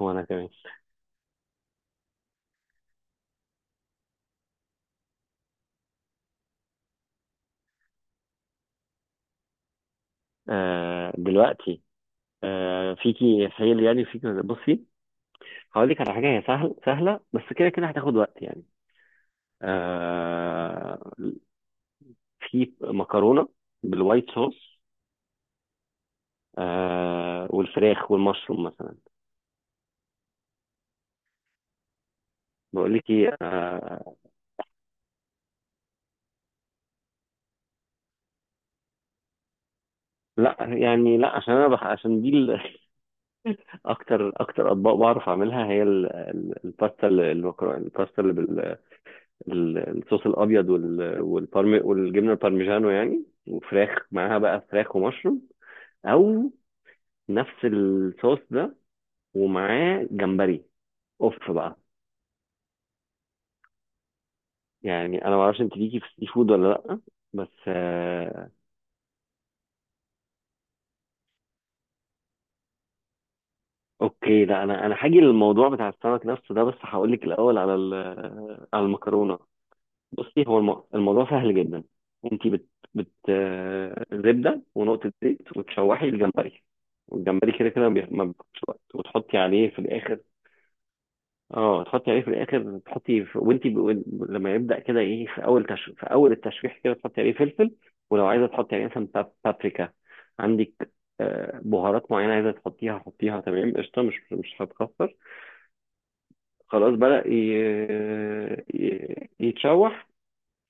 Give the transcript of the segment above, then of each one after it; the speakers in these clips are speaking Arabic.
وانا كمان آه دلوقتي فيكي حيل، يعني فيكي. بصي، هقول لك على حاجه، هي سهله بس كده كده هتاخد وقت يعني. آه في مكرونه بالوايت صوص والفراخ والمشروم مثلا. بقول لك ايه. لا، عشان انا بح عشان دي ال- اكتر اطباق بعرف اعملها هي الباستا بال الصوص الابيض والبارم والجبنه البارميجانو يعني، وفراخ معاها، بقى فراخ ومشروم او نفس الصوص ده، ومعاه جمبري. اوف بقى. يعني انا ما اعرفش انت ليكي في السي فود ولا لا، بس اوكي. لا انا، هاجي للموضوع بتاع السمك نفسه ده، بس هقول لك الاول على على المكرونه. بصي، هو الموضوع سهل جدا. انت بت بت آه، زبده ونقطه زيت وتشوحي الجمبري، والجمبري كده كده ما بياخدش وقت، وتحطي عليه في الاخر. اه، تحطي عليه في الاخر، تحطي في... وانت ب... وإن- لما يبدا كده ايه، في اول التشويح كده تحطي عليه فلفل، ولو عايزه تحطي عليه مثلا بابريكا عندك، بهارات معينه عايزه تحطيها، حطيها. تمام، قشطه، مش هتكسر. خلاص بدأ يتشوح،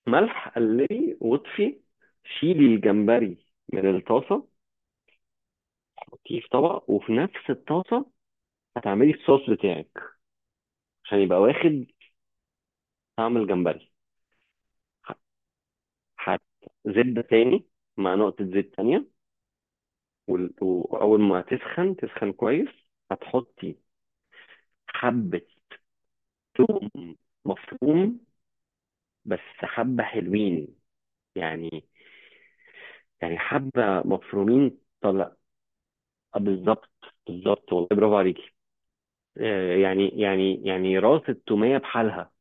ملح، قلبي واطفي، شيلي الجمبري من الطاسة، حطيه في طبق. وفي نفس الطاسة هتعملي الصوص بتاعك، عشان يبقى واخد طعم الجمبري. ح- هتزبدة تاني مع نقطة زيت تانية، وأول ما تسخن، تسخن كويس، هتحطي حبة ثوم مفروم. بس حبة حلوين يعني، حبة مفرومين طلع. بالظبط، بالظبط والله، برافو عليكي. يعني راس التومية بحالها،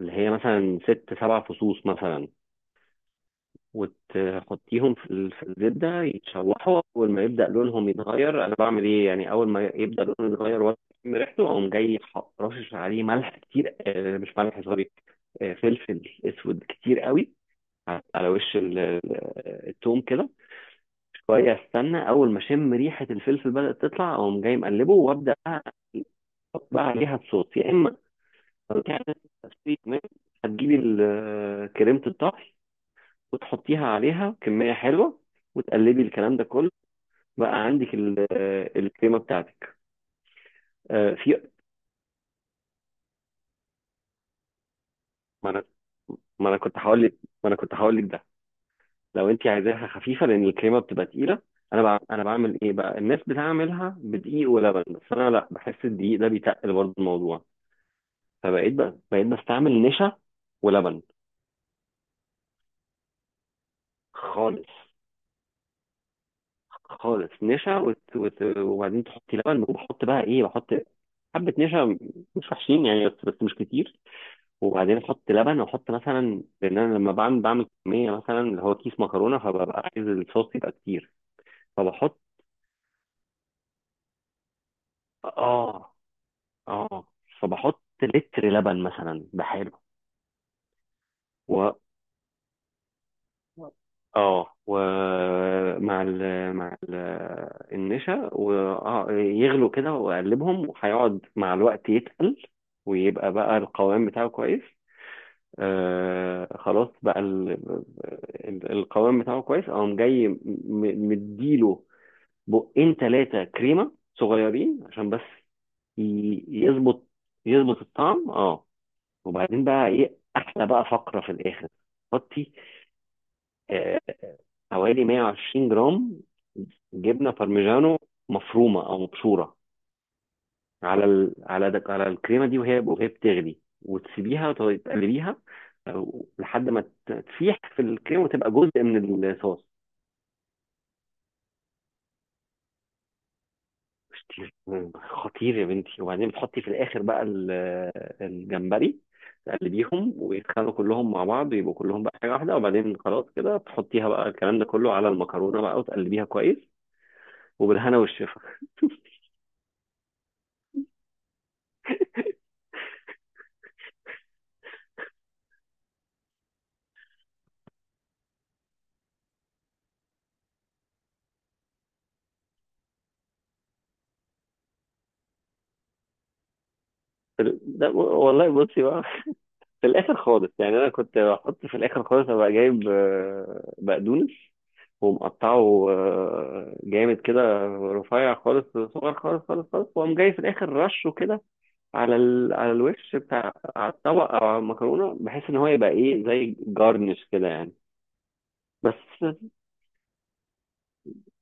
اللي هي مثلا ست سبع فصوص مثلا، وتحطيهم في الزبدة يتشوحوا. أول ما يبدأ لونهم يتغير، أنا بعمل إيه يعني؟ أول ما يبدأ لونه يتغير وأشم ريحته، أقوم جاي رشش عليه ملح كتير، مش ملح سوري، فلفل أسود كتير قوي على وش التوم كده. شوية، استنى، أول ما أشم ريحة الفلفل بدأت تطلع، أقوم جاي مقلبه وأبدأ بقى احط بقى عليها الصوص. يا اما تعمل تسويت، ماشي، هتجيبي كريمة الطهي وتحطيها عليها كمية حلوة، وتقلبي الكلام ده كله. بقى عندك الكريمة بتاعتك. آه، في ما انا ما انا كنت هقول لك. ما انا كنت هقول لك ده لو انت عايزاها خفيفة، لان الكريمة بتبقى تقيلة. انا بعمل ايه بقى، الناس بتعملها بدقيق ولبن، بس انا لا، بحس الدقيق ده بيتقل برضه الموضوع. فبقيت بقى بقيت بستعمل نشا ولبن. خالص، خالص نشا وبعدين تحطي لبن. وبحط بقى ايه، بحط حبه نشا، مش وحشين يعني، بس مش كتير. وبعدين احط لبن، واحط مثلا، لان انا لما بعمل كميه، مثلا اللي هو كيس مكرونه، فببقى عايز الصوص يبقى كتير. فبحط اه اه فبحط لتر لبن مثلا بحاله. اه، ومع ال مع ال النشا، ويغلوا كده واقلبهم، وهيقعد مع الوقت يتقل ويبقى بقى القوام بتاعه كويس. خلاص بقى القوام بتاعه كويس، اقوم جاي مديله بقين ثلاثة كريمة صغيرين عشان بس يظبط، يظبط الطعم اه. وبعدين بقى ايه، احلى بقى فقرة في الاخر. حطي آه، حوالي 120 جرام جبنه بارميجانو مفرومه او مبشوره على الكريمه دي، وهي وهي بتغلي، وتسيبيها وتقلبيها أو لحد ما تسيح في الكريمه وتبقى جزء من الصوص. خطير، خطير يا بنتي. وبعدين بتحطي في الاخر بقى الجمبري، تقلبيهم ويتخلوا كلهم مع بعض ويبقوا كلهم بقى حاجه واحده، وبعدين خلاص كده تحطيها بقى الكلام ده كله على المكرونه بقى وتقلبيها كويس، وبالهنا والشفا. ده والله، بصي بقى، في الاخر خالص يعني. انا كنت بحط في الاخر خالص، ابقى جايب بقدونس ومقطعه جامد كده، رفيع، خالص صغير، خالص، واقوم جاي في الاخر رشه كده على الوش بتاع على الطبق، او على المكرونه، بحيث ان هو يبقى ايه زي جارنش كده يعني. بس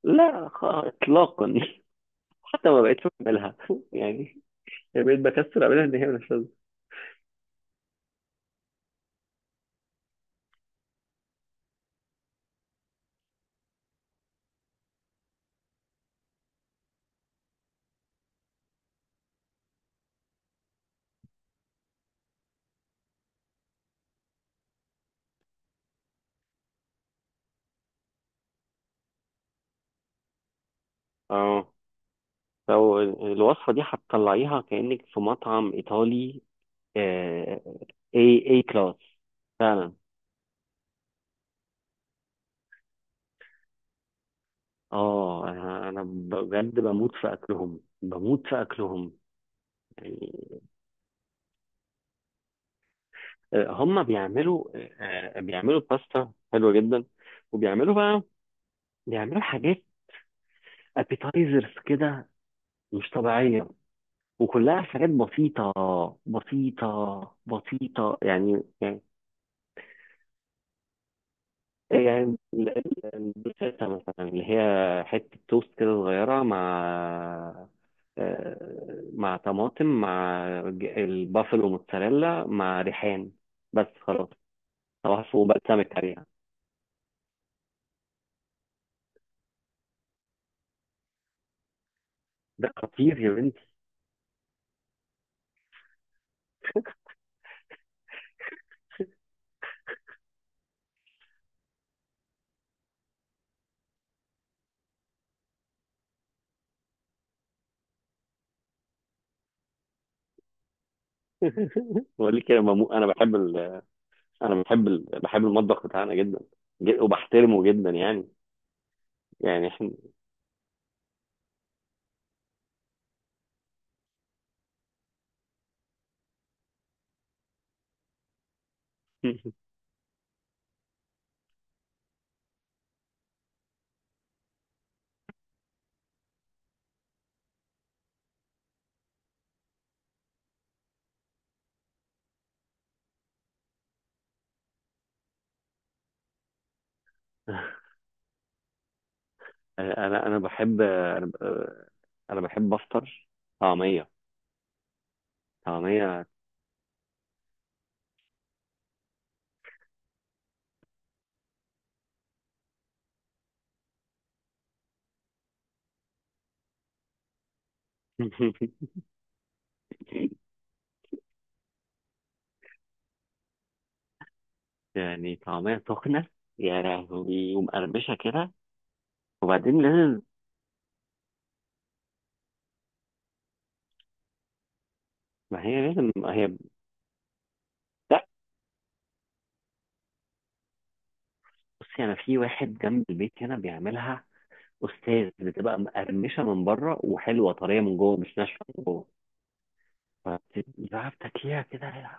لا، اطلاقا، حتى ما بقتش بعملها يعني، بقيت بكسر اعملها، ان هي مش لازمة. اه، فالوصفه دي هتطلعيها كانك في مطعم ايطالي، اي كلاس فعلا. اه انا بجد بموت في اكلهم، بموت في اكلهم يعني. هم بيعملوا آه، آه، بيعملوا باستا حلوه جدا، وبيعملوا بقى، بيعملوا حاجات ابيتايزرز كده مش طبيعيه، وكلها حاجات بسيطه، بسيطه بسيطه يعني. البروتيتا مثلا، اللي هي حتة توست كده صغيرة مع مع طماطم، مع البافلو موتزاريلا مع ريحان. بس خلاص، توحف وبقسمك عليها، ده خطير يا بنتي. بقول لك يا مامو، انا بحب بحب المطبخ بتاعنا جدا، وبحترمه جدا يعني. يعني احنا انا انا بحب انا ب- انا بحب افطر طعمية، طعمية. يعني طعمية سخنة يا لهوي، ومقرمشة كده. وبعدين لازم، ما هي لازم ما هي لا، بصي، أنا في واحد جنب البيت هنا بيعملها أستاذ، بتبقى مقرمشة من بره، وحلوة طرية من جوه، مش ناشفة من جوه، فبتبقي بقى بتاكليها كده يا.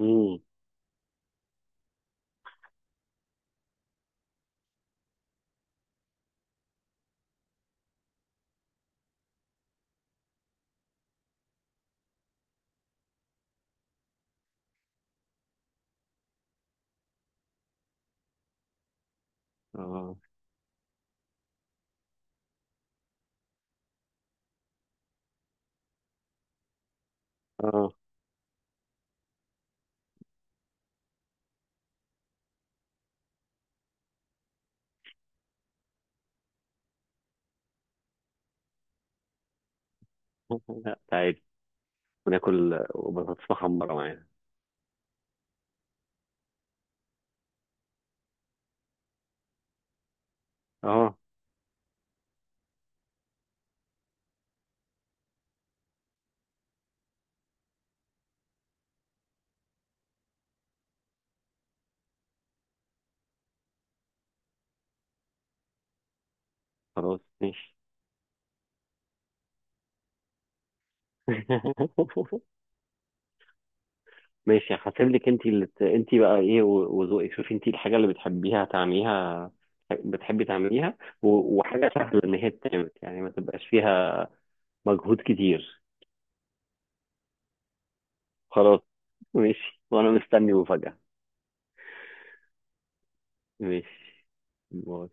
امم، اه، اه، لا تعالي، وناكل بطاطس محمرة معانا. اه خلاص، ماشي. ماشي، هسيب لك انت انت بقى ايه وذوقك، شوفي انت الحاجه اللي بتحبيها تعمليها، بتحبي تعمليها، وحاجه سهله ان هي تتعمل، يعني ما تبقاش فيها مجهود كتير. خلاص ماشي، وانا مستني مفاجاه. ماشي، باي.